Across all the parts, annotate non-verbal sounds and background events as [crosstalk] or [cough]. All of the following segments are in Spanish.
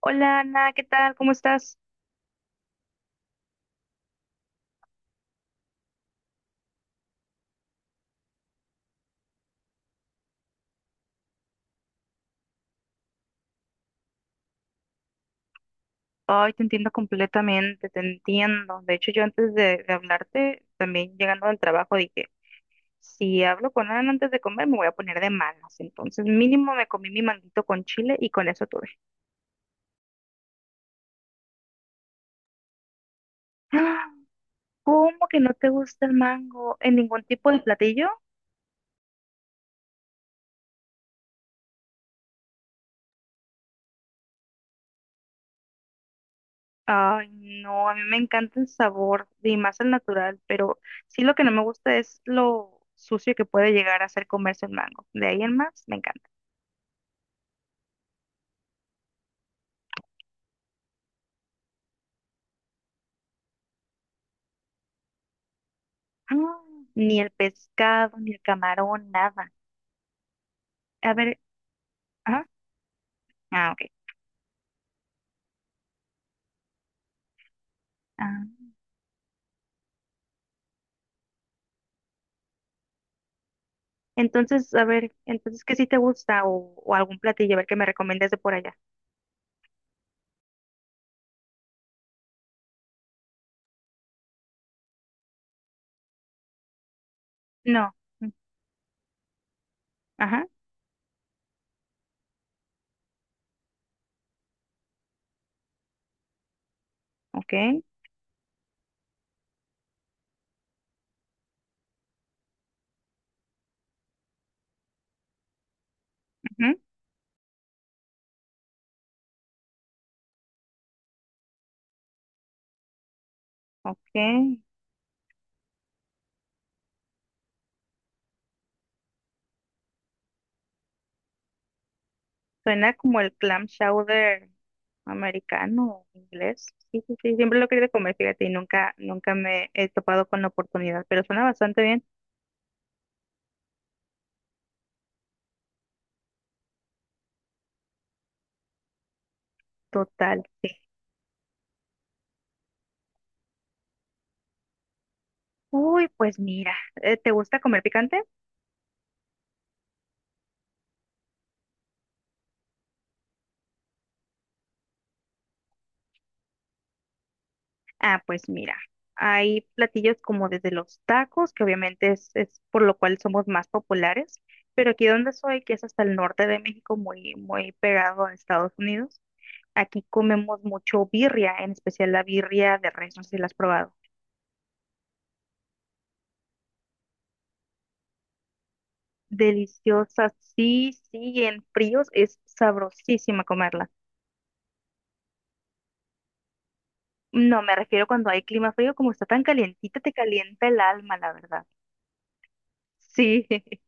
Hola Ana, ¿qué tal? ¿Cómo estás? Ay, te entiendo completamente, te entiendo. De hecho, yo antes de hablarte, también llegando del trabajo, dije, si hablo con Ana antes de comer, me voy a poner de malas. Entonces, mínimo me comí mi manguito con chile y con eso tuve. [gasps] ¡Ah! ¿Cómo que no te gusta el mango en ningún tipo de platillo? Ay, no, a mí me encanta el sabor y más el natural, pero sí lo que no me gusta es lo sucio que puede llegar a ser comerse el mango. De ahí en más, me encanta. [gasps] Ah, ni el pescado, ni el camarón, nada. A ver, ajá, ah, ok. Ah, entonces, a ver, entonces, ¿qué sí te gusta? O algún platillo, a ver, qué me recomiendas de por allá. No. mm, Ajá, ok, ujú, ok. Suena como el clam chowder americano, inglés. Sí, sí, sí, siempre lo he querido comer, fíjate, y nunca, nunca me he topado con la oportunidad, pero suena bastante bien. Total, sí. Uy, pues mira, ¿te gusta comer picante? Ah, pues mira, hay platillos como desde los tacos, que obviamente es por lo cual somos más populares, pero aquí donde soy, que es hasta el norte de México, muy, muy pegado a Estados Unidos, aquí comemos mucho birria, en especial la birria de res, no sé si la has probado. Deliciosa, sí, sí, en fríos es sabrosísima comerla. No, me refiero cuando hay clima frío, como está tan calientita, te calienta el alma, la verdad. Sí. [laughs]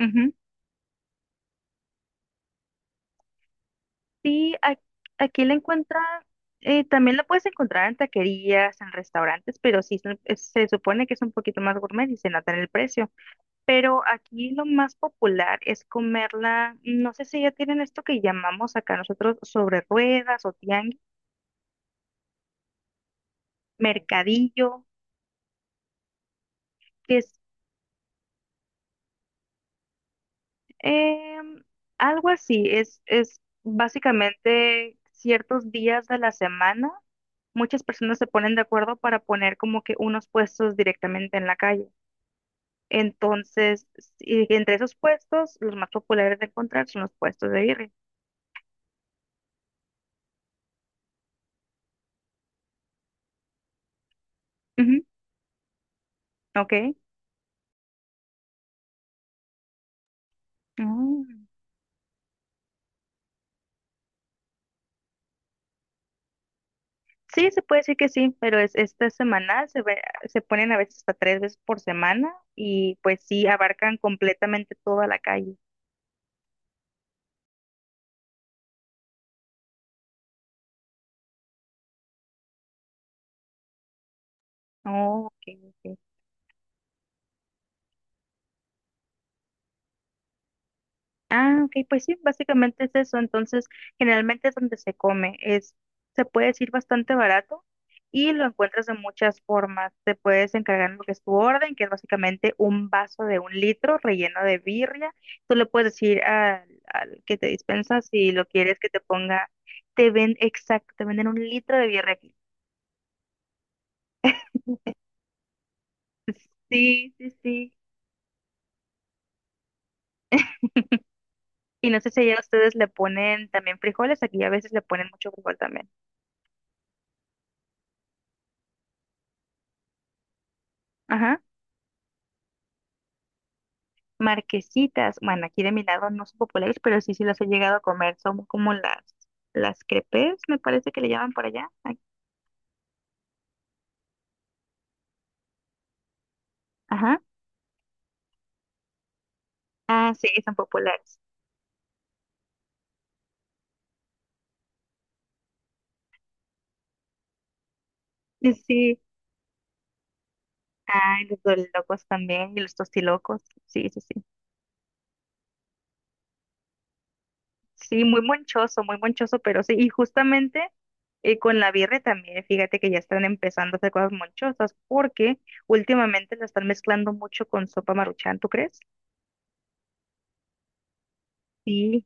Ujú. Sí, aquí la encuentra, también la puedes encontrar en taquerías, en restaurantes, pero sí se supone que es un poquito más gourmet y se nota en el precio. Pero aquí lo más popular es comerla, no sé si ya tienen esto que llamamos acá nosotros sobre ruedas o tianguis, mercadillo, que es em, algo así, es básicamente ciertos días de la semana. Muchas personas se ponen de acuerdo para poner como que unos puestos directamente en la calle. Entonces, y entre esos puestos, los más populares de encontrar son los puestos de birria. Ujú, ok. Mm. Sí, se puede decir que sí, pero es esta semana se ve- se ponen a veces hasta 3 veces por semana y pues sí abarcan completamente toda la calle. Oh, ok, ok. Ah, ok, pues sí, básicamente es eso. Entonces, generalmente es donde se come. Se puede decir bastante barato y lo encuentras de muchas formas. Te puedes encargar lo que es tu orden, que es básicamente un vaso de 1 litro relleno de birria. Tú le puedes decir al que te dispensa si lo quieres que te ponga, exacto, te venden 1 litro de birria aquí. [laughs] Sí, sí, sí. Y no sé si allá ustedes le ponen también frijoles, aquí a veces le ponen mucho frijol también. Ajá. Marquesitas, bueno, aquí de mi lado no son populares, pero sí, sí las he llegado a comer. Son como las crepes, me parece que le llaman por allá. Ay, ajá. Ah, sí, son populares. Y sí. Ay, los dorilocos también y los tostilocos. Sí, sí, sí. Sí, muy monchoso, pero sí. Y justamente con la birre también, fíjate que ya están empezando a hacer cosas monchosas porque últimamente la están mezclando mucho con sopa Maruchan, ¿tú crees? Sí.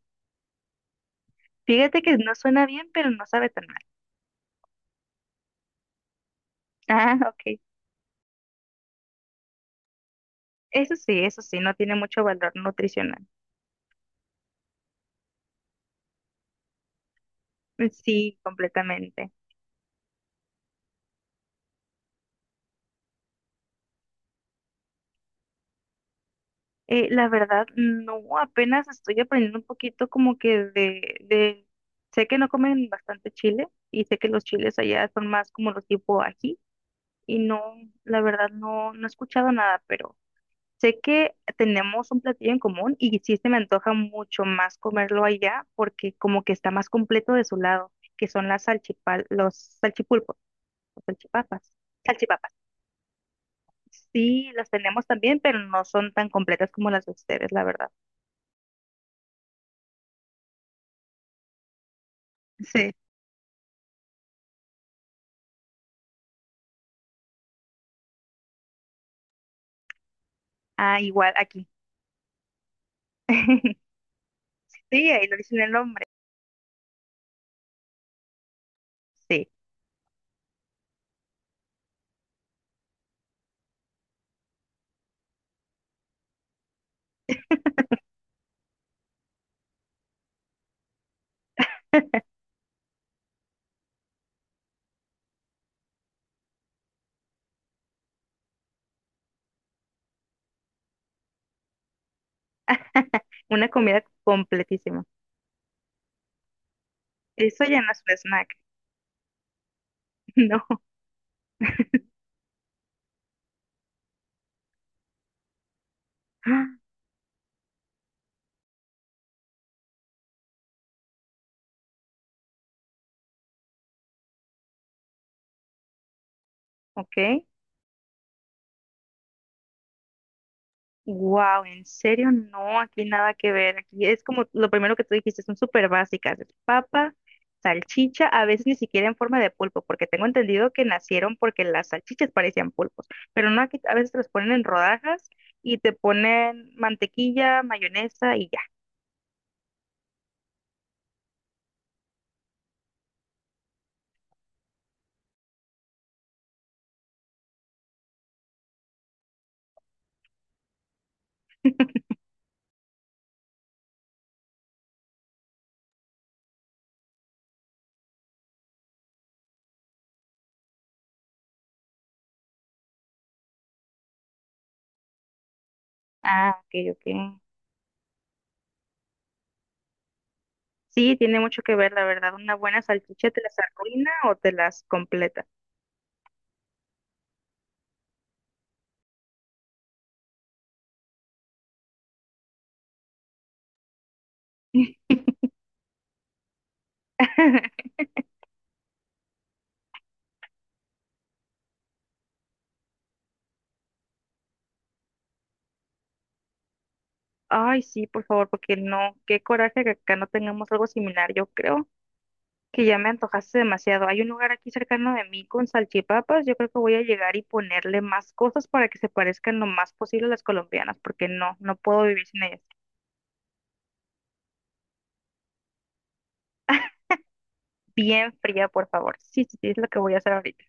Fíjate que no suena bien, pero no sabe tan mal. [laughs] Ah, ok. Eso sí, no tiene mucho valor nutricional. Sí, completamente. La verdad, no, apenas estoy aprendiendo un poquito como que sé que no comen bastante chile y sé que los chiles allá son más como los tipo ají y no, la verdad, no, no he escuchado nada, pero sé que tenemos un platillo en común y sí se me antoja mucho más comerlo allá porque como que está más completo de su lado, que son las salchipal, los salchipulpos, los salchipapas, salchipapas. Sí, las tenemos también, pero no son tan completas como las de ustedes, la verdad. Sí. Ah, igual aquí. [laughs] Sí, ahí lo dicen el nombre. Sí, [laughs] una comida completísima. Eso ya no es un snack, [laughs] no. [gasps] [laughs] Ok. Wow, en serio, no, aquí nada que ver. Aquí es como lo primero que tú dijiste, son súper básicas. Es papa, salchicha, a veces ni siquiera en forma de pulpo, porque tengo entendido que nacieron porque las salchichas parecían pulpos, pero no, aquí a veces te las ponen en rodajas y te ponen mantequilla, mayonesa y ya. Ah, ok, ok. Sí, tiene mucho que ver, la verdad. Una buena salchicha te las arruina o te las completa. [laughs] Ay, sí, por favor, porque no, qué coraje que acá no tengamos algo similar, yo creo que ya me antojaste demasiado. Hay un lugar aquí cercano de mí con salchipapas. Yo creo que voy a llegar y ponerle más cosas para que se parezcan lo más posible a las colombianas, porque no, no puedo vivir sin ellas. Bien fría, por favor. Sí, sí, sí, es lo que voy a hacer ahorita.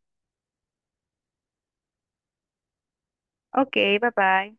Ok, bye bye.